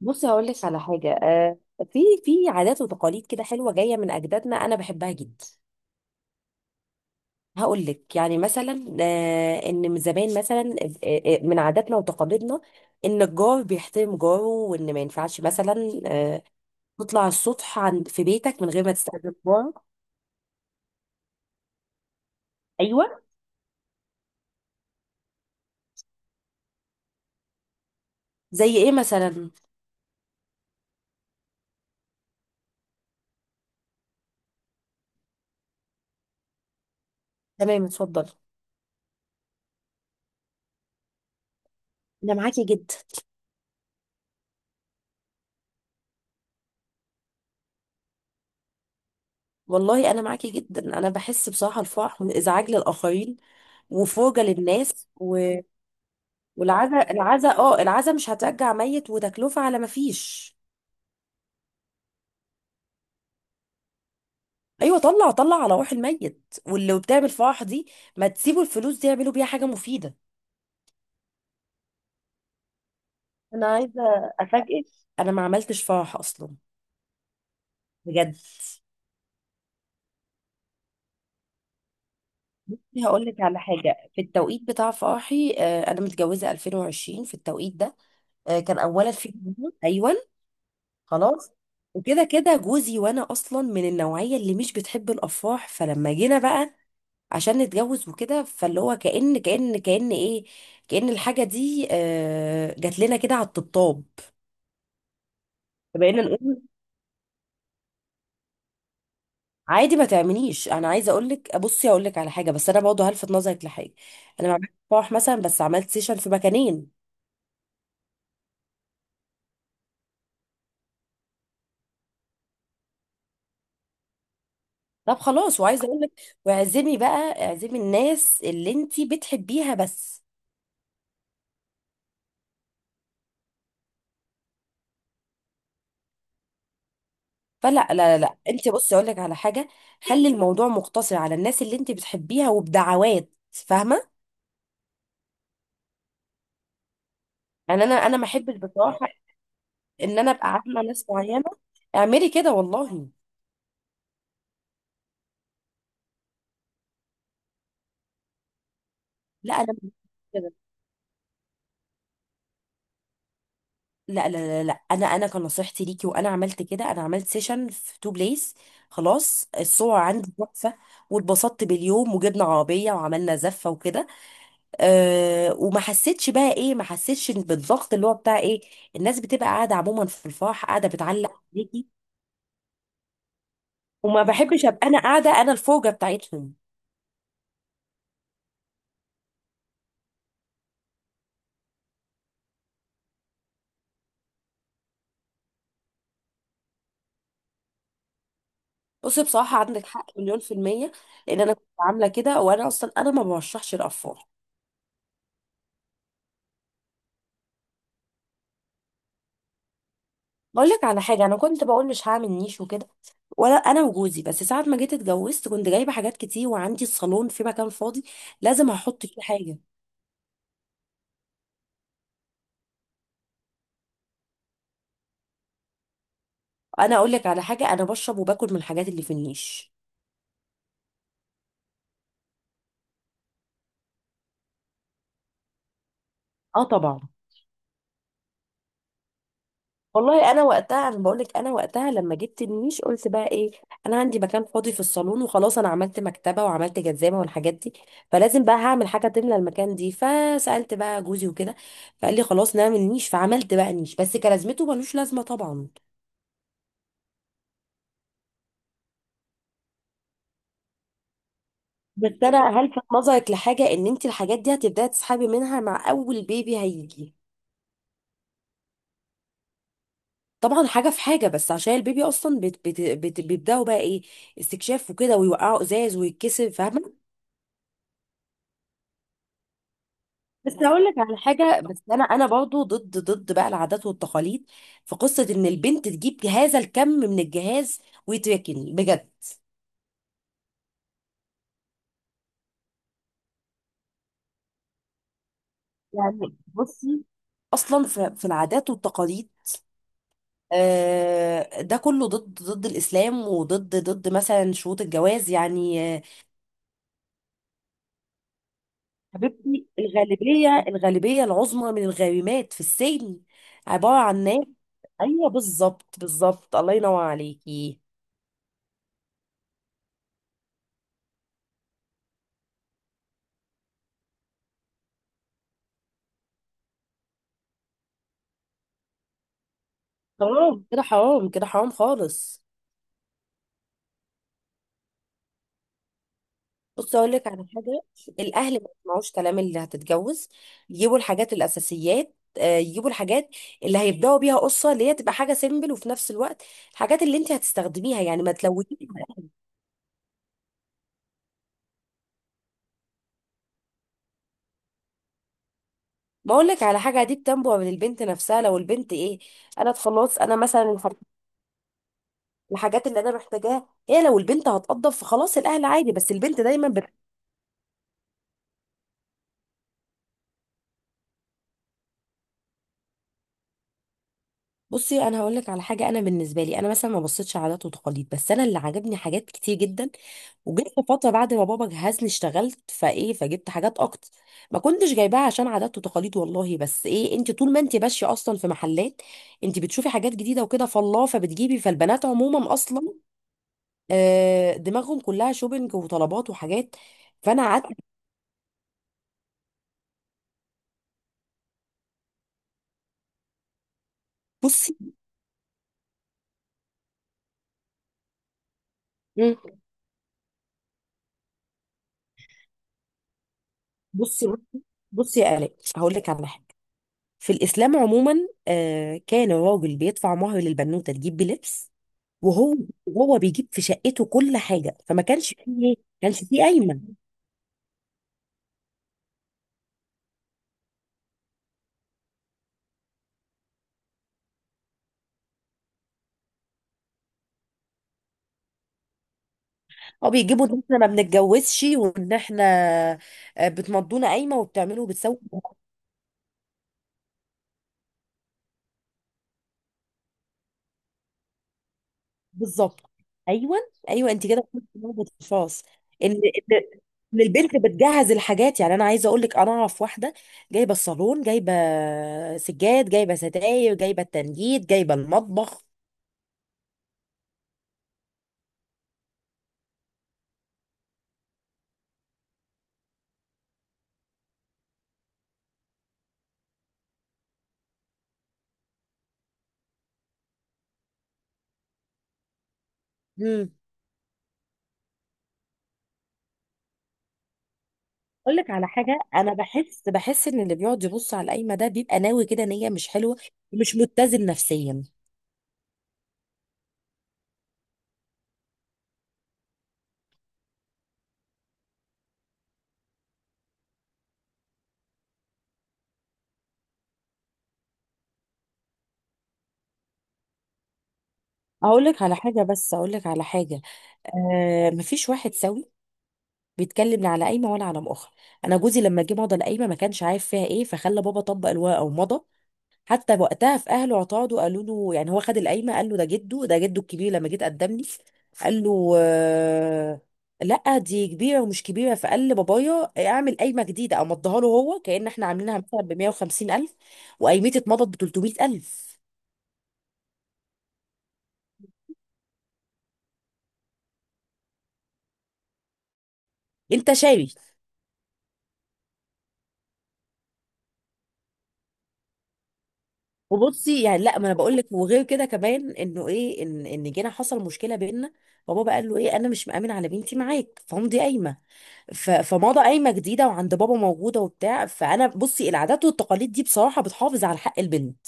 بصي هقول لك على حاجه، في في عادات وتقاليد كده حلوه جايه من اجدادنا انا بحبها جدا. هقول لك يعني مثلا، ان من زمان مثلا من عاداتنا وتقاليدنا ان الجار بيحترم جاره وان ما ينفعش مثلا تطلع على السطح عند في بيتك من غير ما تستأذن جارك. ايوه، زي ايه مثلا؟ تمام، اتفضل. انا معاكي جدا. والله انا معاكي جدا، انا بحس بصراحه الفرح من ازعاج للاخرين وفرجه للناس. والعزا، العزا اه العزا مش هترجع ميت وتكلفة على ما فيش. ايوه، طلع طلع على روح الميت واللي بتعمل فرح دي ما تسيبوا الفلوس دي يعملوا بيها حاجة مفيدة. انا عايزه افاجئك، انا ما عملتش فرح اصلا، بجد. هقول لك على حاجه، في التوقيت بتاع فرحي انا متجوزه 2020. في التوقيت ده كان اولا في كورونا. ايوه، خلاص، وكده كده جوزي وانا اصلا من النوعيه اللي مش بتحب الافراح، فلما جينا بقى عشان نتجوز وكده، فاللي هو كأن ايه، كأن الحاجة دي جات لنا كده على الطبطاب. فبقينا نقول عادي ما تعمليش. انا عايزه اقول لك، بصي اقول لك على حاجه بس انا برضه هلفت نظرك لحاجه. انا ما عملتش فرح مثلا بس عملت سيشن في مكانين. طب خلاص، وعايزه اقول لك، واعزمي بقى اعزمي الناس اللي انت بتحبيها بس. فلا لا لا لا، انت بصي اقول لك على حاجه، خلي الموضوع مقتصر على الناس اللي انت بتحبيها وبدعوات، فاهمه؟ يعني انا ما احبش بصراحه ان انا ابقى عامه ناس معينه. اعملي كده والله. لا انا مش كده. لا لا لا لا، انا كان نصيحتي ليكي وانا عملت كده، انا عملت سيشن في تو بليس، خلاص الصور عندي تحفه. واتبسطت باليوم وجبنا عربيه وعملنا زفه وكده. أه، وما حسيتش بقى ايه، ما حسيتش بالضغط اللي هو بتاع ايه، الناس بتبقى قاعده عموما في الفرح قاعده بتعلق عليكي. وما بحبش ابقى انا قاعده انا الفوجه بتاعتهم. بصي بصراحة عندك حق مليون في المية. لأن أنا كنت عاملة كده، وأنا أصلا أنا ما برشحش الأطفال. بقول لك على حاجة، أنا كنت بقول مش هعمل نيش وكده، ولا أنا وجوزي، بس ساعة ما جيت اتجوزت كنت جايبة حاجات كتير وعندي الصالون في مكان فاضي، لازم هحط فيه حاجة. أنا أقول لك على حاجة، أنا بشرب وباكل من الحاجات اللي في النيش. أه طبعا. والله انا وقتها، انا بقول لك انا وقتها لما جبت النيش قلت بقى ايه، انا عندي مكان فاضي في الصالون وخلاص، انا عملت مكتبه وعملت جزامه والحاجات دي، فلازم بقى هعمل حاجه تملى المكان دي، فسالت بقى جوزي وكده، فقال لي خلاص نعمل نيش، فعملت بقى نيش بس كلازمته ملوش لازمه طبعا. بس انا هلفت نظرك لحاجه ان انت الحاجات دي هتبداي تسحبي منها مع اول بيبي هيجي. طبعا حاجه في حاجه، بس عشان البيبي اصلا بت بت بت بيبداوا بقى ايه، استكشاف وكده ويوقعوا ازاز ويتكسر، فاهمه؟ بس هقول لك على حاجه، بس انا برضو ضد بقى العادات والتقاليد في قصه ان البنت تجيب هذا الكم من الجهاز ويتركن، بجد. يعني بصي، اصلا في العادات والتقاليد ده كله ضد الاسلام، وضد مثلا شروط الجواز، يعني حبيبتي الغالبيه، الغالبيه العظمى من الغارمات في السجن عباره عن ناس. ايوه بالظبط بالظبط، الله ينور عليكي. حرام كده، حرام كده، حرام خالص. بص اقول لك على حاجه، الاهل ما يسمعوش كلام اللي هتتجوز، يجيبوا الحاجات الاساسيات، يجيبوا الحاجات اللي هيبداوا بيها قصه، اللي هي تبقى حاجه سيمبل، وفي نفس الوقت الحاجات اللي انت هتستخدميها يعني ما تلوثيش. ما اقول لك على حاجه، دي بتنبع من البنت نفسها، لو البنت ايه، انا خلاص، انا مثلا الحاجات اللي انا محتاجاها هي، لو البنت هتقضف فخلاص الاهل عادي، بس البنت دايما. بصي انا هقول لك على حاجه، انا بالنسبه لي انا مثلا ما بصيتش عادات وتقاليد، بس انا اللي عجبني حاجات كتير جدا. وجيت في فتره بعد ما بابا جهزني اشتغلت فايه، فجبت حاجات اكتر، ما كنتش جايباها عشان عادات وتقاليد والله، بس ايه، انت طول ما انت ماشيه اصلا في محلات، انت بتشوفي حاجات جديده وكده، فالله فبتجيبي، فالبنات عموما اصلا دماغهم كلها شوبينج وطلبات وحاجات. فانا قعدت. بصي. مم. بصي بصي بصي يا آلاء، هقول لك على حاجه، في الإسلام عموما كان الراجل بيدفع مهر للبنوتة تجيب بلبس، وهو وهو بيجيب في شقته كل حاجة، فما كانش فيه إيه؟ كانش فيه قايمة. هو بيجيبوا ان احنا ما بنتجوزش وان احنا بتمضونا قايمة وبتعملوا وبتسووا. بالظبط. ايوه، ايوه، انت كده قلت نقطة الفاس. ان ان إن البنت بتجهز الحاجات، يعني انا عايزه اقول لك، انا اعرف واحده جايبه الصالون، جايبه سجاد، جايبه ستاير، جايبه التنجيد، جايبه المطبخ. اقول لك على حاجه، انا بحس ان اللي بيقعد يبص على القايمه ده بيبقى ناوي كده نيه مش حلوه، ومش متزن نفسيا. اقول لك على حاجه، بس اقول لك على حاجه، آه مفيش واحد سوي بيتكلم لا على قايمه ولا على مؤخر. انا جوزي لما جه مضى القايمه ما كانش عارف فيها ايه، فخلى بابا طبق الورقه ومضى. حتى وقتها في اهله اعترضوا، قالوا له يعني هو خد القايمه، قال له ده جده، ده جده الكبير لما جيت قدم لي، قال له لا دي كبيره ومش كبيره، فقال لبابايا اعمل قايمه جديده او مضيها له هو، كأن احنا عاملينها مثلا ب 150 الف، وقايمتي اتمضت ب 300 الف. انت شاري. وبصي يعني لا، ما انا بقول لك، وغير كده كمان انه ايه، ان ان جينا حصل مشكله بيننا، بابا بقى قال له ايه، انا مش مأمن على بنتي معاك، فهم دي قايمه. فماضة قايمة جديدة وعند بابا موجودة وبتاع. فأنا بصي، العادات والتقاليد دي بصراحة بتحافظ على حق البنت.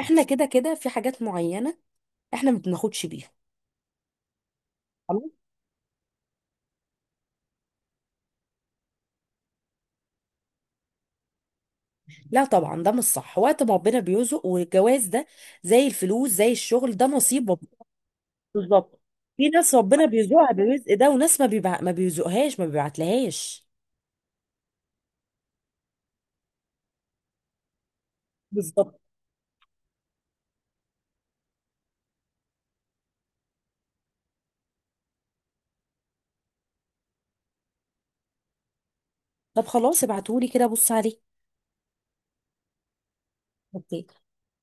احنا كده كده في حاجات معينة احنا ما بناخدش بيها، خلاص؟ لا طبعا، ده مش صح، وقت ما ربنا بيرزق، والجواز ده زي الفلوس زي الشغل، ده نصيب ربنا. بالظبط. في ناس ربنا بيرزقها بالرزق ده، وناس ما بيرزقهاش، ما بيبعتلهاش. بالظبط. طب خلاص، ابعتهولي كده بص عليه. اوكي.